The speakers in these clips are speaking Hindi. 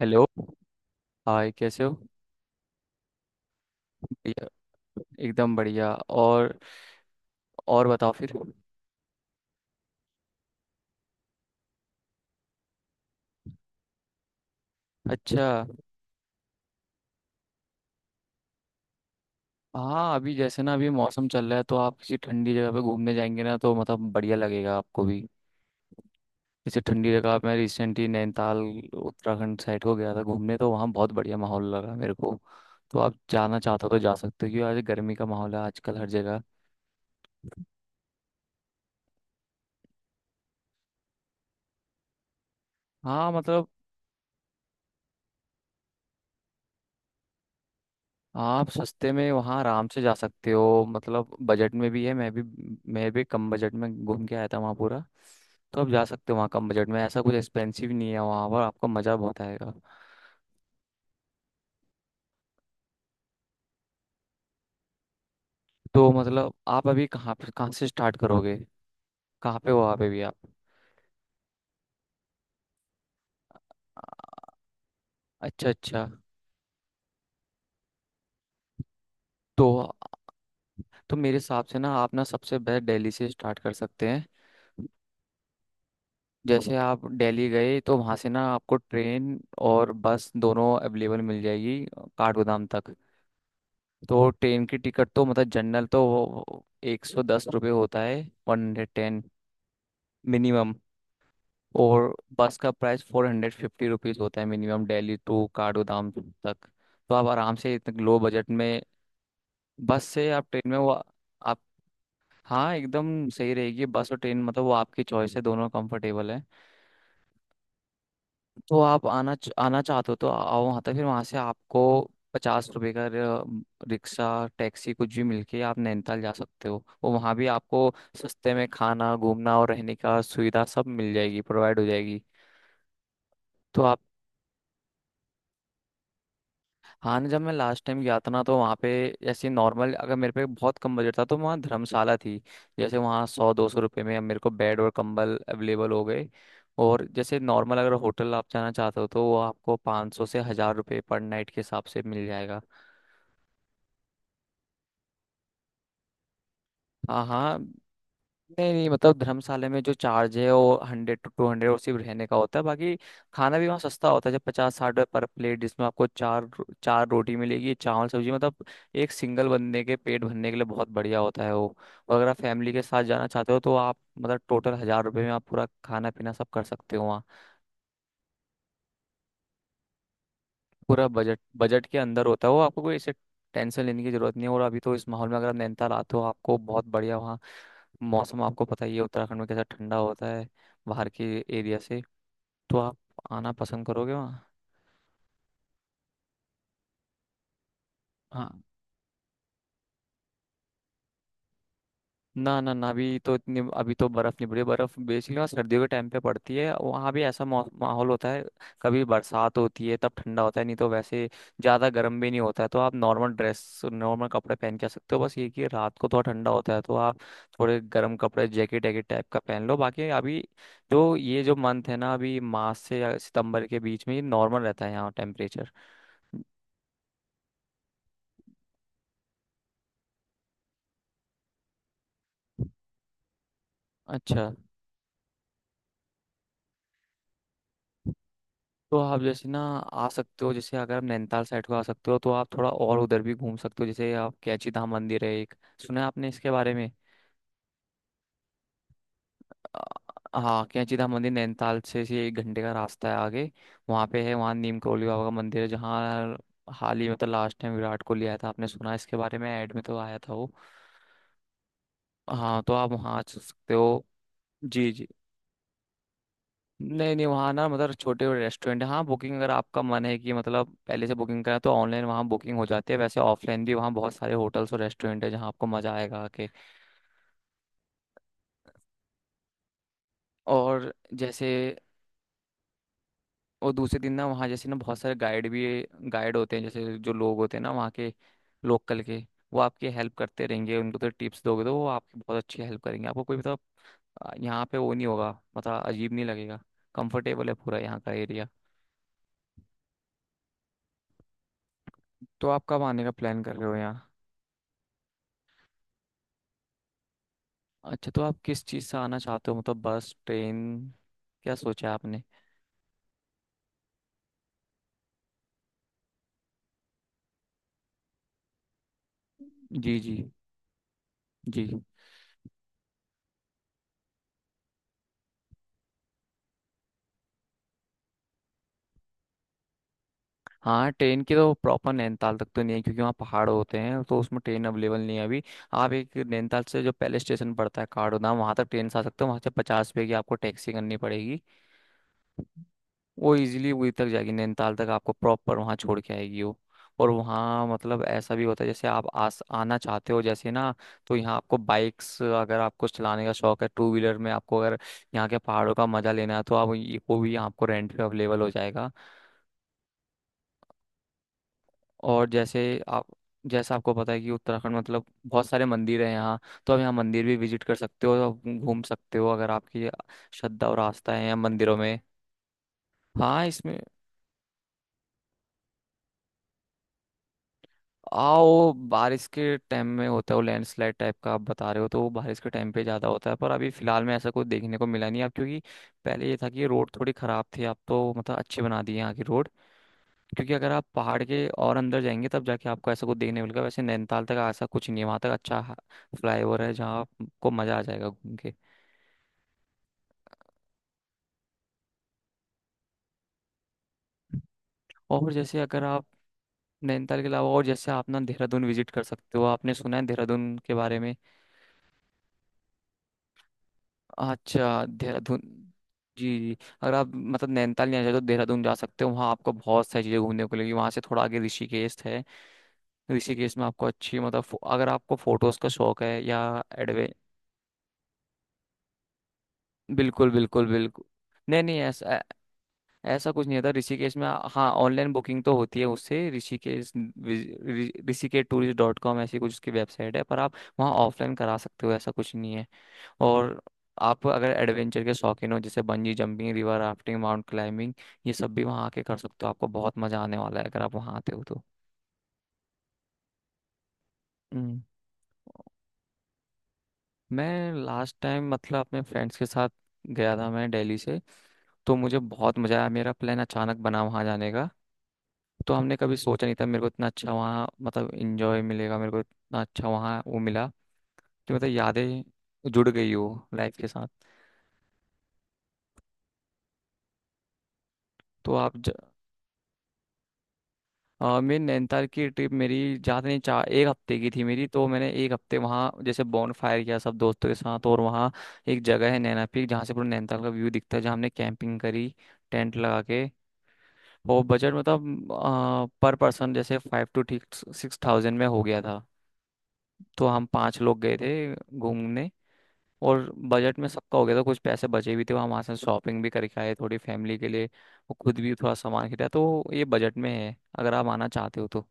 हेलो। हाय, कैसे हो? बढ़िया। एकदम बढ़िया। और बताओ फिर। अच्छा। हाँ, अभी जैसे ना, अभी मौसम चल रहा है तो आप किसी ठंडी जगह पे घूमने जाएंगे ना, तो मतलब बढ़िया लगेगा आपको भी। जैसे ठंडी जगह, मैं रिसेंटली नैनीताल उत्तराखंड साइड को गया था घूमने, तो वहाँ बहुत बढ़िया माहौल लगा मेरे को। तो आप जाना चाहते हो तो जा सकते हो, क्योंकि आज गर्मी का माहौल है आजकल हर जगह। हाँ मतलब, आप सस्ते में वहाँ आराम से जा सकते हो, मतलब बजट में भी है, मैं भी। मैं भी कम बजट में घूम के आया था वहाँ पूरा। तो आप जा सकते हो वहाँ कम बजट में, ऐसा कुछ एक्सपेंसिव नहीं है, वहाँ पर आपको मज़ा बहुत आएगा। तो मतलब आप अभी कहाँ पे, कहाँ से स्टार्ट करोगे? कहाँ पे हो आप अभी, आप? अच्छा, अच्छा। तो तो मेरे हिसाब से ना, आप ना सबसे बेस्ट दिल्ली से स्टार्ट कर सकते हैं। जैसे आप दिल्ली गए तो वहाँ से ना, आपको ट्रेन और बस दोनों अवेलेबल मिल जाएगी काठगोदाम तक। तो ट्रेन की टिकट तो मतलब जनरल तो वो 110 रुपये होता है, 110 मिनिमम। और बस का प्राइस 450 रुपीज़ होता है मिनिमम, दिल्ली टू काठगोदाम तक। तो आप आराम से इतने लो बजट में, बस से आप ट्रेन में, वो आप। हाँ, एकदम सही रहेगी बस और ट्रेन, मतलब वो आपकी चॉइस है, दोनों कंफर्टेबल है। तो आप आना चाहते हो तो आओ वहाँ तक, फिर वहाँ से आपको 50 रुपए का रिक्शा, टैक्सी कुछ भी मिलके आप नैनीताल जा सकते हो, और वहाँ भी आपको सस्ते में खाना, घूमना और रहने का सुविधा सब मिल जाएगी, प्रोवाइड हो जाएगी। तो हाँ ना, जब मैं लास्ट टाइम गया था ना, तो वहाँ पे ऐसे नॉर्मल, अगर मेरे पे बहुत कम बजट था तो वहाँ धर्मशाला थी। जैसे वहाँ 100-200 रुपये में अब मेरे को बेड और कंबल अवेलेबल हो गए। और जैसे नॉर्मल अगर होटल आप जाना चाहते हो तो वो आपको 500 से 1000 रुपये पर नाइट के हिसाब से मिल जाएगा। हाँ, हाँ। नहीं नहीं मतलब, धर्मशाला में जो चार्ज है वो 100-200, और सिर्फ रहने का होता है बाकी। खाना भी वहाँ सस्ता होता है, जब 50-60 रुपये पर प्लेट, जिसमें आपको चार रोटी मिलेगी, चावल, सब्जी, मतलब एक सिंगल बंदे के पेट भरने के लिए बहुत बढ़िया होता है वो। और अगर आप फैमिली के साथ जाना चाहते हो तो आप मतलब टोटल 1000 रुपये में आप पूरा खाना पीना सब कर सकते हो वहाँ, पूरा बजट, बजट के अंदर होता है वो। आपको कोई ऐसे टेंशन लेने की जरूरत नहीं है, और अभी तो इस माहौल में अगर आप नैनीताल आते हो आपको बहुत बढ़िया वहाँ मौसम, आपको पता ही है उत्तराखंड में कैसा ठंडा होता है बाहर के एरिया से, तो आप आना पसंद करोगे वहाँ? हाँ। ना ना ना, अभी तो इतनी, अभी तो बर्फ नहीं पड़ी है। बर्फ बेसिकली वहाँ सर्दियों के टाइम पे पड़ती है, वहाँ भी ऐसा माहौल होता है। कभी बरसात होती है तब ठंडा होता है, नहीं तो वैसे ज्यादा गर्म भी नहीं होता है, तो आप नॉर्मल ड्रेस, नॉर्मल कपड़े पहन के आ सकते हो, बस ये कि रात को थोड़ा ठंडा होता है तो आप थोड़े गर्म कपड़े जैकेट वैकेट टाइप का पहन लो, बाकी अभी जो ये जो मंथ है ना, अभी मार्च से या सितंबर के बीच में, ये नॉर्मल रहता है यहाँ टेम्परेचर। अच्छा। तो आप जैसे ना आ सकते हो, जैसे अगर आप नैनीताल साइड को आ सकते हो तो आप थोड़ा और उधर भी घूम सकते हो, जैसे आप कैंची धाम मंदिर है एक। सुना है आपने इसके बारे में? अ, हाँ, कैंची धाम मंदिर नैनीताल से 1 घंटे का रास्ता है आगे। वहाँ पे है, वहाँ नीम करोली बाबा का मंदिर है, जहाँ हाल ही में तो लास्ट टाइम विराट कोहली आया था, आपने सुना है इसके बारे में? ऐड में तो आया था वो। हाँ, तो आप वहाँ आ सकते हो। जी, जी। नहीं नहीं, वहाँ ना मतलब छोटे रेस्टोरेंट है, हाँ बुकिंग अगर आपका मन है कि मतलब पहले से बुकिंग करा, तो ऑनलाइन वहाँ बुकिंग हो जाती है, वैसे ऑफलाइन भी वहाँ बहुत सारे होटल्स और रेस्टोरेंट है जहाँ आपको मज़ा आएगा आके। और जैसे। और दूसरे दिन ना, वहाँ जैसे ना बहुत सारे गाइड भी, गाइड होते हैं, जैसे जो लोग होते हैं ना वहाँ के, लोकल के, वो आपकी हेल्प करते रहेंगे, उनको तो टिप्स दोगे तो वो आपकी बहुत अच्छी हेल्प करेंगे, आपको कोई मतलब। यहाँ पे वो नहीं होगा, मतलब अजीब नहीं लगेगा, कंफर्टेबल है पूरा यहाँ का एरिया। तो आप कब आने का प्लान कर रहे हो यहाँ? अच्छा। तो आप किस चीज़ से आना चाहते हो, मतलब बस, ट्रेन, क्या सोचा है आपने? जी, जी। जी। हाँ, ट्रेन की तो प्रॉपर नैनीताल तक तो नहीं है, क्योंकि वहाँ पहाड़ होते हैं तो उसमें ट्रेन अवेलेबल नहीं है अभी। आप एक नैनीताल से जो पहले स्टेशन पड़ता है, काठगोदाम, वहाँ तक ट्रेन से आ सकते हो, वहाँ से 50 रुपये की आपको टैक्सी करनी पड़ेगी। वो इजीली वहीं तक जाएगी, नैनीताल तक आपको प्रॉपर वहाँ छोड़ के आएगी वो। और वहाँ मतलब ऐसा भी होता है, जैसे आप आस आना चाहते हो जैसे ना, तो यहाँ आपको बाइक्स, अगर आपको चलाने का शौक है टू व्हीलर में, आपको अगर यहाँ के पहाड़ों का मजा लेना है तो आप वो भी आपको रेंट पे अवेलेबल हो जाएगा। और जैसे आप, जैसा आपको पता है कि उत्तराखंड मतलब बहुत सारे मंदिर हैं यहाँ, तो आप यहाँ मंदिर भी विजिट कर सकते हो, तो आप घूम सकते हो अगर आपकी श्रद्धा और आस्था है यहाँ मंदिरों में। हाँ, इसमें। आओ, बारिश के टाइम में होता है वो लैंडस्लाइड टाइप का आप बता रहे हो, तो वो बारिश के टाइम पे ज़्यादा होता है, पर अभी फिलहाल में ऐसा कुछ देखने को मिला नहीं अब, क्योंकि पहले ये था कि रोड थोड़ी ख़राब थी, अब तो मतलब अच्छे बना दिए यहाँ की रोड। क्योंकि अगर आप पहाड़ के और अंदर जाएंगे तब जाके आपको ऐसा कुछ देखने मिलेगा, वैसे नैनीताल तक ऐसा कुछ नहीं है, वहाँ तक अच्छा फ्लाईओवर है जहाँ आपको मज़ा आ जाएगा घूम के। और जैसे अगर आप नैनीताल के अलावा, और जैसे आप ना देहरादून विजिट कर सकते हो, आपने सुना है देहरादून के बारे में? अच्छा, देहरादून। जी, जी। अगर आप मतलब नैनीताल नहीं आना चाहते तो देहरादून जा सकते हो, वहाँ आपको बहुत सारी चीज़ें घूमने को मिलेगी, वहाँ से थोड़ा आगे ऋषिकेश है। ऋषिकेश में आपको अच्छी मतलब अगर आपको फोटोज़ का शौक है, या एडवे बिल्कुल बिल्कुल बिल्कुल। नहीं नहीं, ऐसा ऐसा कुछ नहीं था ऋषिकेश में, हाँ ऑनलाइन बुकिंग तो होती है उससे। ऋषिकेश, rishikeshtourist.com ऐसी कुछ उसकी वेबसाइट है, पर आप वहाँ ऑफलाइन करा सकते हो, ऐसा कुछ नहीं है। और आप अगर एडवेंचर के शौकीन हो, जैसे bungee jumping, river rafting, mount climbing, ये सब भी वहाँ आके कर सकते हो, आपको बहुत मजा आने वाला है अगर आप वहाँ आते हो तो। हम्म, मैं लास्ट टाइम मतलब अपने फ्रेंड्स के साथ गया था, मैं दिल्ली से। तो मुझे बहुत मजा आया, मेरा प्लान अचानक बना वहाँ जाने का, तो हमने कभी सोचा नहीं था मेरे को इतना अच्छा वहाँ मतलब इंजॉय मिलेगा, मेरे को इतना अच्छा वहाँ वो मिला, कि मतलब यादें जुड़ गई हो लाइफ के साथ। तो आप। मेरी नैनीताल की ट्रिप मेरी ज़्यादा नहीं, चार, एक हफ्ते की थी मेरी, तो मैंने एक हफ्ते वहाँ जैसे बॉन फायर किया सब दोस्तों के साथ, और वहाँ एक जगह है नैना पीक, जहाँ से पूरा नैनीताल का व्यू दिखता है, जहाँ हमने कैंपिंग करी टेंट लगा के। और बजट मतलब पर पर्सन, जैसे 5000-6000 में हो गया था, तो हम पाँच लोग गए थे घूमने। और बजट में सबका हो गया था, कुछ पैसे बचे भी थे वहाँ, वहाँ से शॉपिंग भी करके आए थोड़ी फैमिली के लिए, और खुद भी थोड़ा सामान खरीदा, तो ये बजट में है अगर आप आना चाहते हो तो।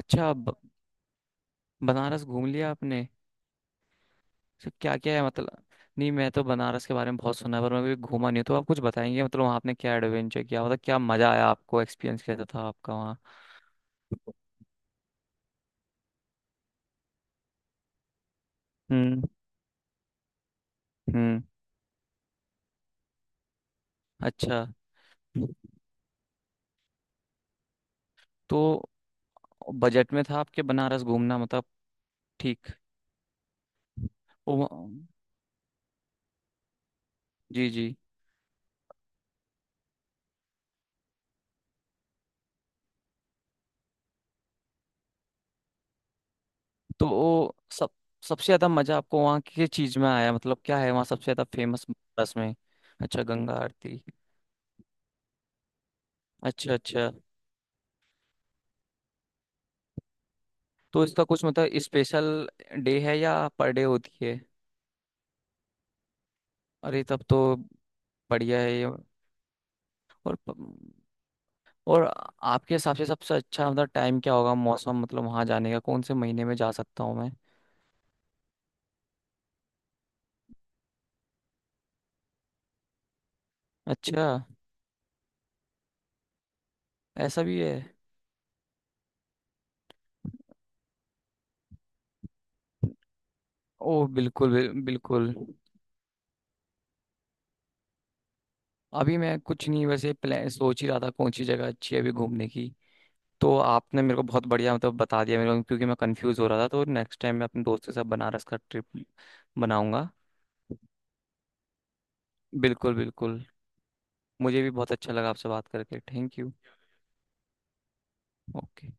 अच्छा। बनारस घूम लिया आपने? तो क्या क्या है मतलब? नहीं, मैं तो बनारस के बारे में बहुत सुना है, पर मैं कभी घूमा नहीं हूं। तो आप कुछ बताएंगे मतलब, वहाँ आपने क्या एडवेंचर किया, मतलब क्या मजा आया आपको, एक्सपीरियंस कैसा था आपका वहाँ? हम्म, हम्म। अच्छा। तो बजट में था आपके बनारस घूमना मतलब? ठीक। ओ जी, जी। तो वो सब, सबसे ज्यादा मजा आपको वहाँ किस चीज में आया, मतलब क्या है वहाँ सबसे ज्यादा फेमस बनारस में? अच्छा, गंगा आरती। अच्छा, अच्छा। तो इसका कुछ मतलब स्पेशल डे है, या पर डे होती है? अरे तब तो बढ़िया है ये। और और आपके हिसाब से सबसे अच्छा मतलब टाइम क्या होगा, मौसम मतलब वहाँ जाने का, कौन से महीने में जा सकता हूँ मैं? अच्छा, ऐसा भी है? ओह बिल्कुल, बिल्कुल। अभी मैं कुछ नहीं, वैसे प्लान सोच ही रहा था कौन सी जगह अच्छी है अभी घूमने की। तो आपने मेरे को बहुत बढ़िया मतलब बता दिया मेरे को, क्योंकि मैं कंफ्यूज हो रहा था, तो नेक्स्ट टाइम मैं अपने दोस्त के साथ बनारस का ट्रिप बनाऊंगा। बिल्कुल, बिल्कुल। मुझे भी बहुत अच्छा लगा आपसे बात करके, थैंक यू। ओके।